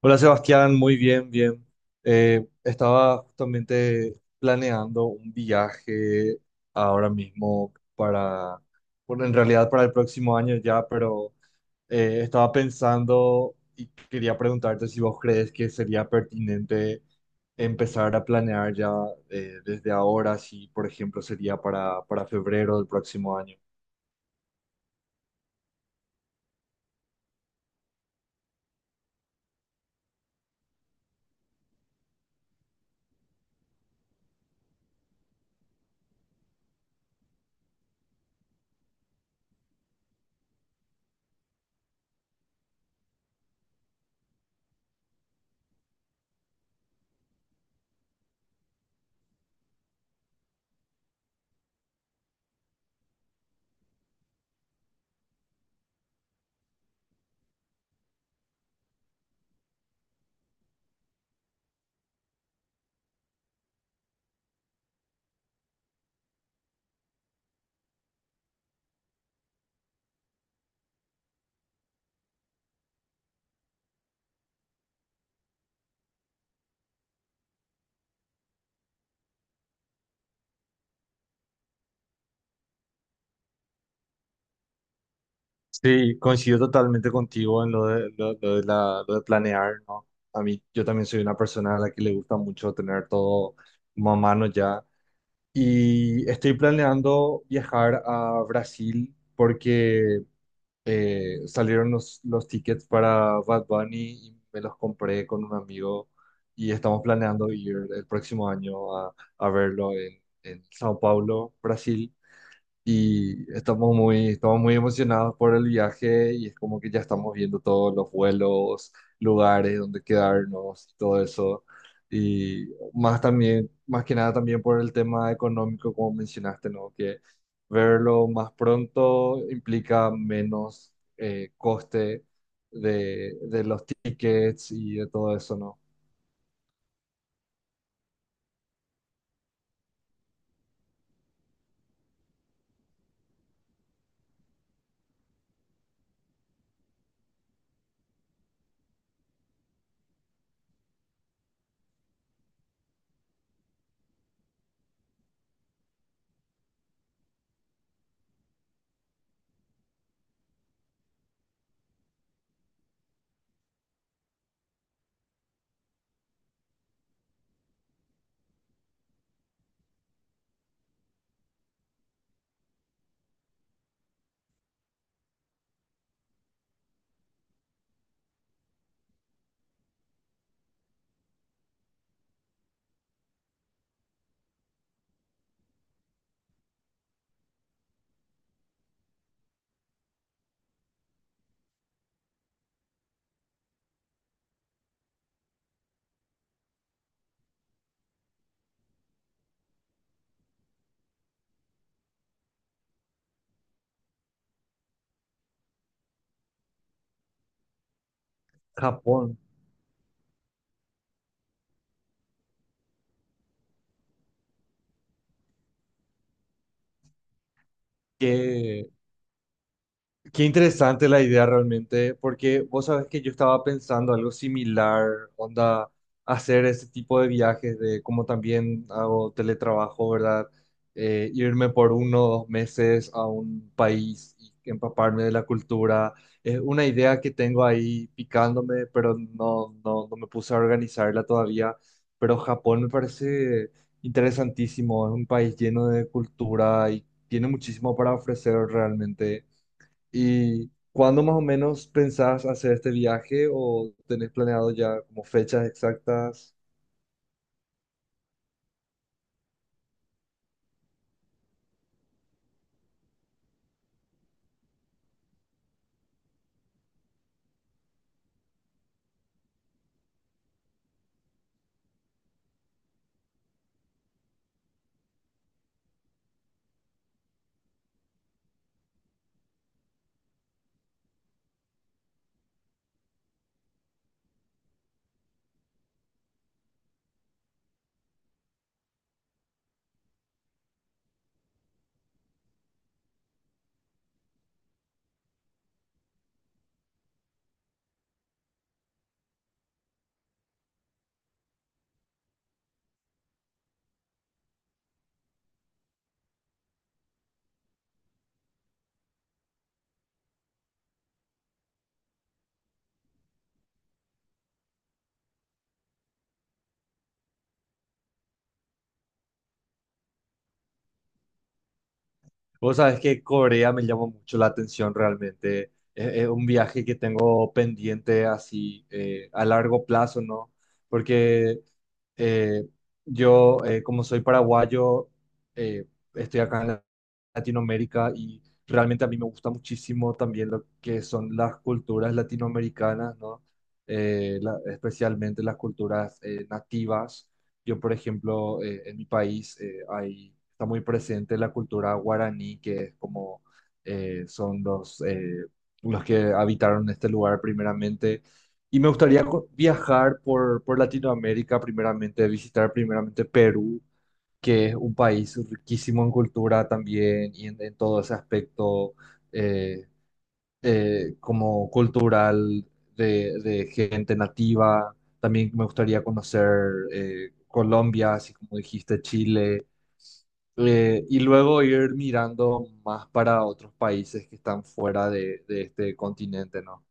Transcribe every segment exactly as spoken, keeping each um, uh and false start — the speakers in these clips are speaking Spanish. Hola Sebastián, muy bien, bien. Eh, estaba justamente planeando un viaje ahora mismo para, bueno, en realidad para el próximo año ya, pero eh, estaba pensando y quería preguntarte si vos crees que sería pertinente empezar a planear ya eh, desde ahora, si por ejemplo sería para, para febrero del próximo año. Sí, coincido totalmente contigo en lo de, lo, lo de la, lo de planear, ¿no? A mí, yo también soy una persona a la que le gusta mucho tener todo como a mano ya. Y estoy planeando viajar a Brasil porque eh, salieron los, los, tickets para Bad Bunny y me los compré con un amigo y estamos planeando ir el próximo año a, a, verlo en, en Sao Paulo, Brasil, y estamos muy, estamos muy emocionados por el viaje, y es como que ya estamos viendo todos los vuelos, lugares donde quedarnos y todo eso. Y más también, más que nada también por el tema económico, como mencionaste, ¿no? Que verlo más pronto implica menos eh, coste de, de los tickets y de todo eso, ¿no? Japón, ¿qué? Qué interesante la idea realmente, porque vos sabés que yo estaba pensando algo similar, onda, hacer ese tipo de viajes, de como también hago teletrabajo, ¿verdad? Eh, irme por uno o dos meses a un país y empaparme de la cultura. Es una idea que tengo ahí picándome, pero no, no, no me puse a organizarla todavía. Pero Japón me parece interesantísimo, es un país lleno de cultura y tiene muchísimo para ofrecer realmente. ¿Y cuándo más o menos pensás hacer este viaje o tenés planeado ya como fechas exactas? Vos sabés que Corea me llamó mucho la atención realmente. Es, es un viaje que tengo pendiente así eh, a largo plazo, ¿no? Porque eh, yo, eh, como soy paraguayo, eh, estoy acá en Latinoamérica, y realmente a mí me gusta muchísimo también lo que son las culturas latinoamericanas, ¿no? Eh, la- especialmente las culturas eh, nativas. Yo, por ejemplo, eh, en mi país eh, hay está muy presente la cultura guaraní, que es como eh, son los, eh, los que habitaron este lugar primeramente. Y me gustaría co- viajar por, por, Latinoamérica primeramente, visitar primeramente Perú, que es un país riquísimo en cultura también y en, en, todo ese aspecto, eh, eh, como cultural, de, de gente nativa. También me gustaría conocer eh, Colombia, así como dijiste, Chile, eh, y luego ir mirando más para otros países que están fuera de, de este continente, ¿no?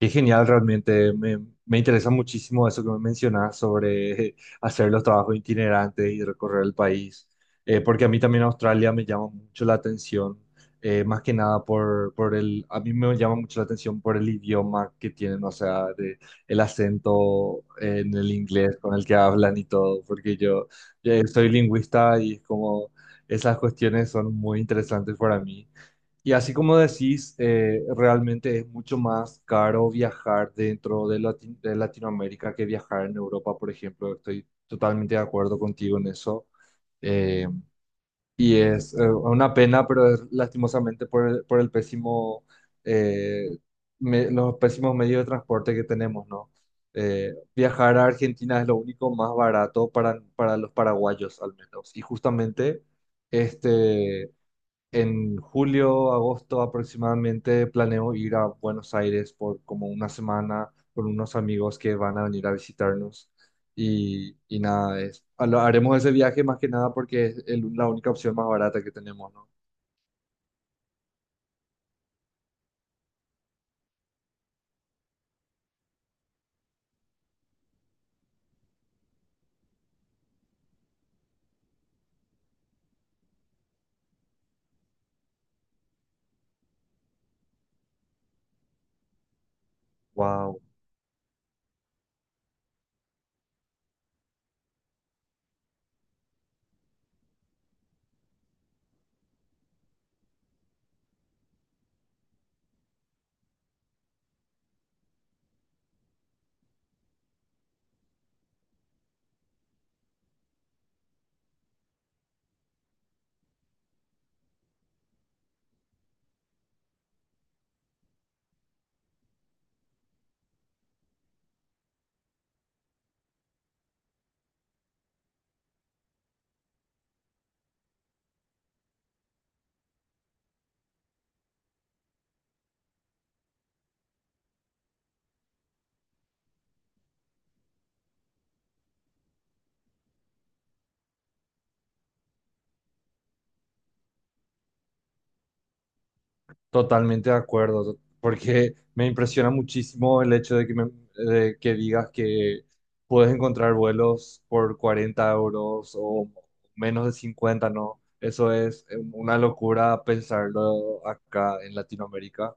Qué genial, realmente. Me, me interesa muchísimo eso que me mencionas sobre hacer los trabajos itinerantes y recorrer el país. Eh, porque a mí también Australia me llama mucho la atención, eh, más que nada por, por el, a mí me llama mucho la atención por el idioma que tienen, o sea, de- el acento en el inglés con el que hablan y todo, porque yo eh, soy lingüista y es como esas cuestiones son muy interesantes para mí. Y así como decís, eh, realmente es mucho más caro viajar dentro de, Lati- de Latinoamérica que viajar en Europa, por ejemplo. Estoy totalmente de acuerdo contigo en eso. Eh, y es eh, una pena, pero es lastimosamente por el, por el pésimo, eh, me- los pésimos medios de transporte que tenemos, ¿no? Eh, viajar a Argentina es lo único más barato para, para, los paraguayos, al menos. Y justamente... Este, en julio, agosto aproximadamente planeo ir a Buenos Aires por como una semana con unos amigos que van a venir a visitarnos, y, y nada, es, lo haremos ese viaje más que nada porque es el- la única opción más barata que tenemos, ¿no? Wow. Totalmente de acuerdo, porque me impresiona muchísimo el hecho de que, me- de que, digas que puedes encontrar vuelos por cuarenta euros o menos de cincuenta, ¿no? Eso es eh, una locura pensarlo acá en Latinoamérica.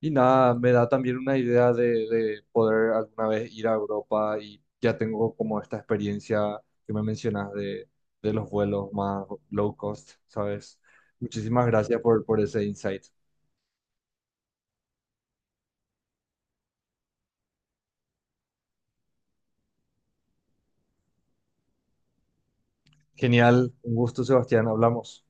Y nada, me da también una idea de, de, poder alguna vez ir a Europa, y ya tengo como esta experiencia que me mencionas de, de los vuelos más low cost, ¿sabes? Muchísimas gracias por, por, ese insight. Genial, un gusto, Sebastián, hablamos.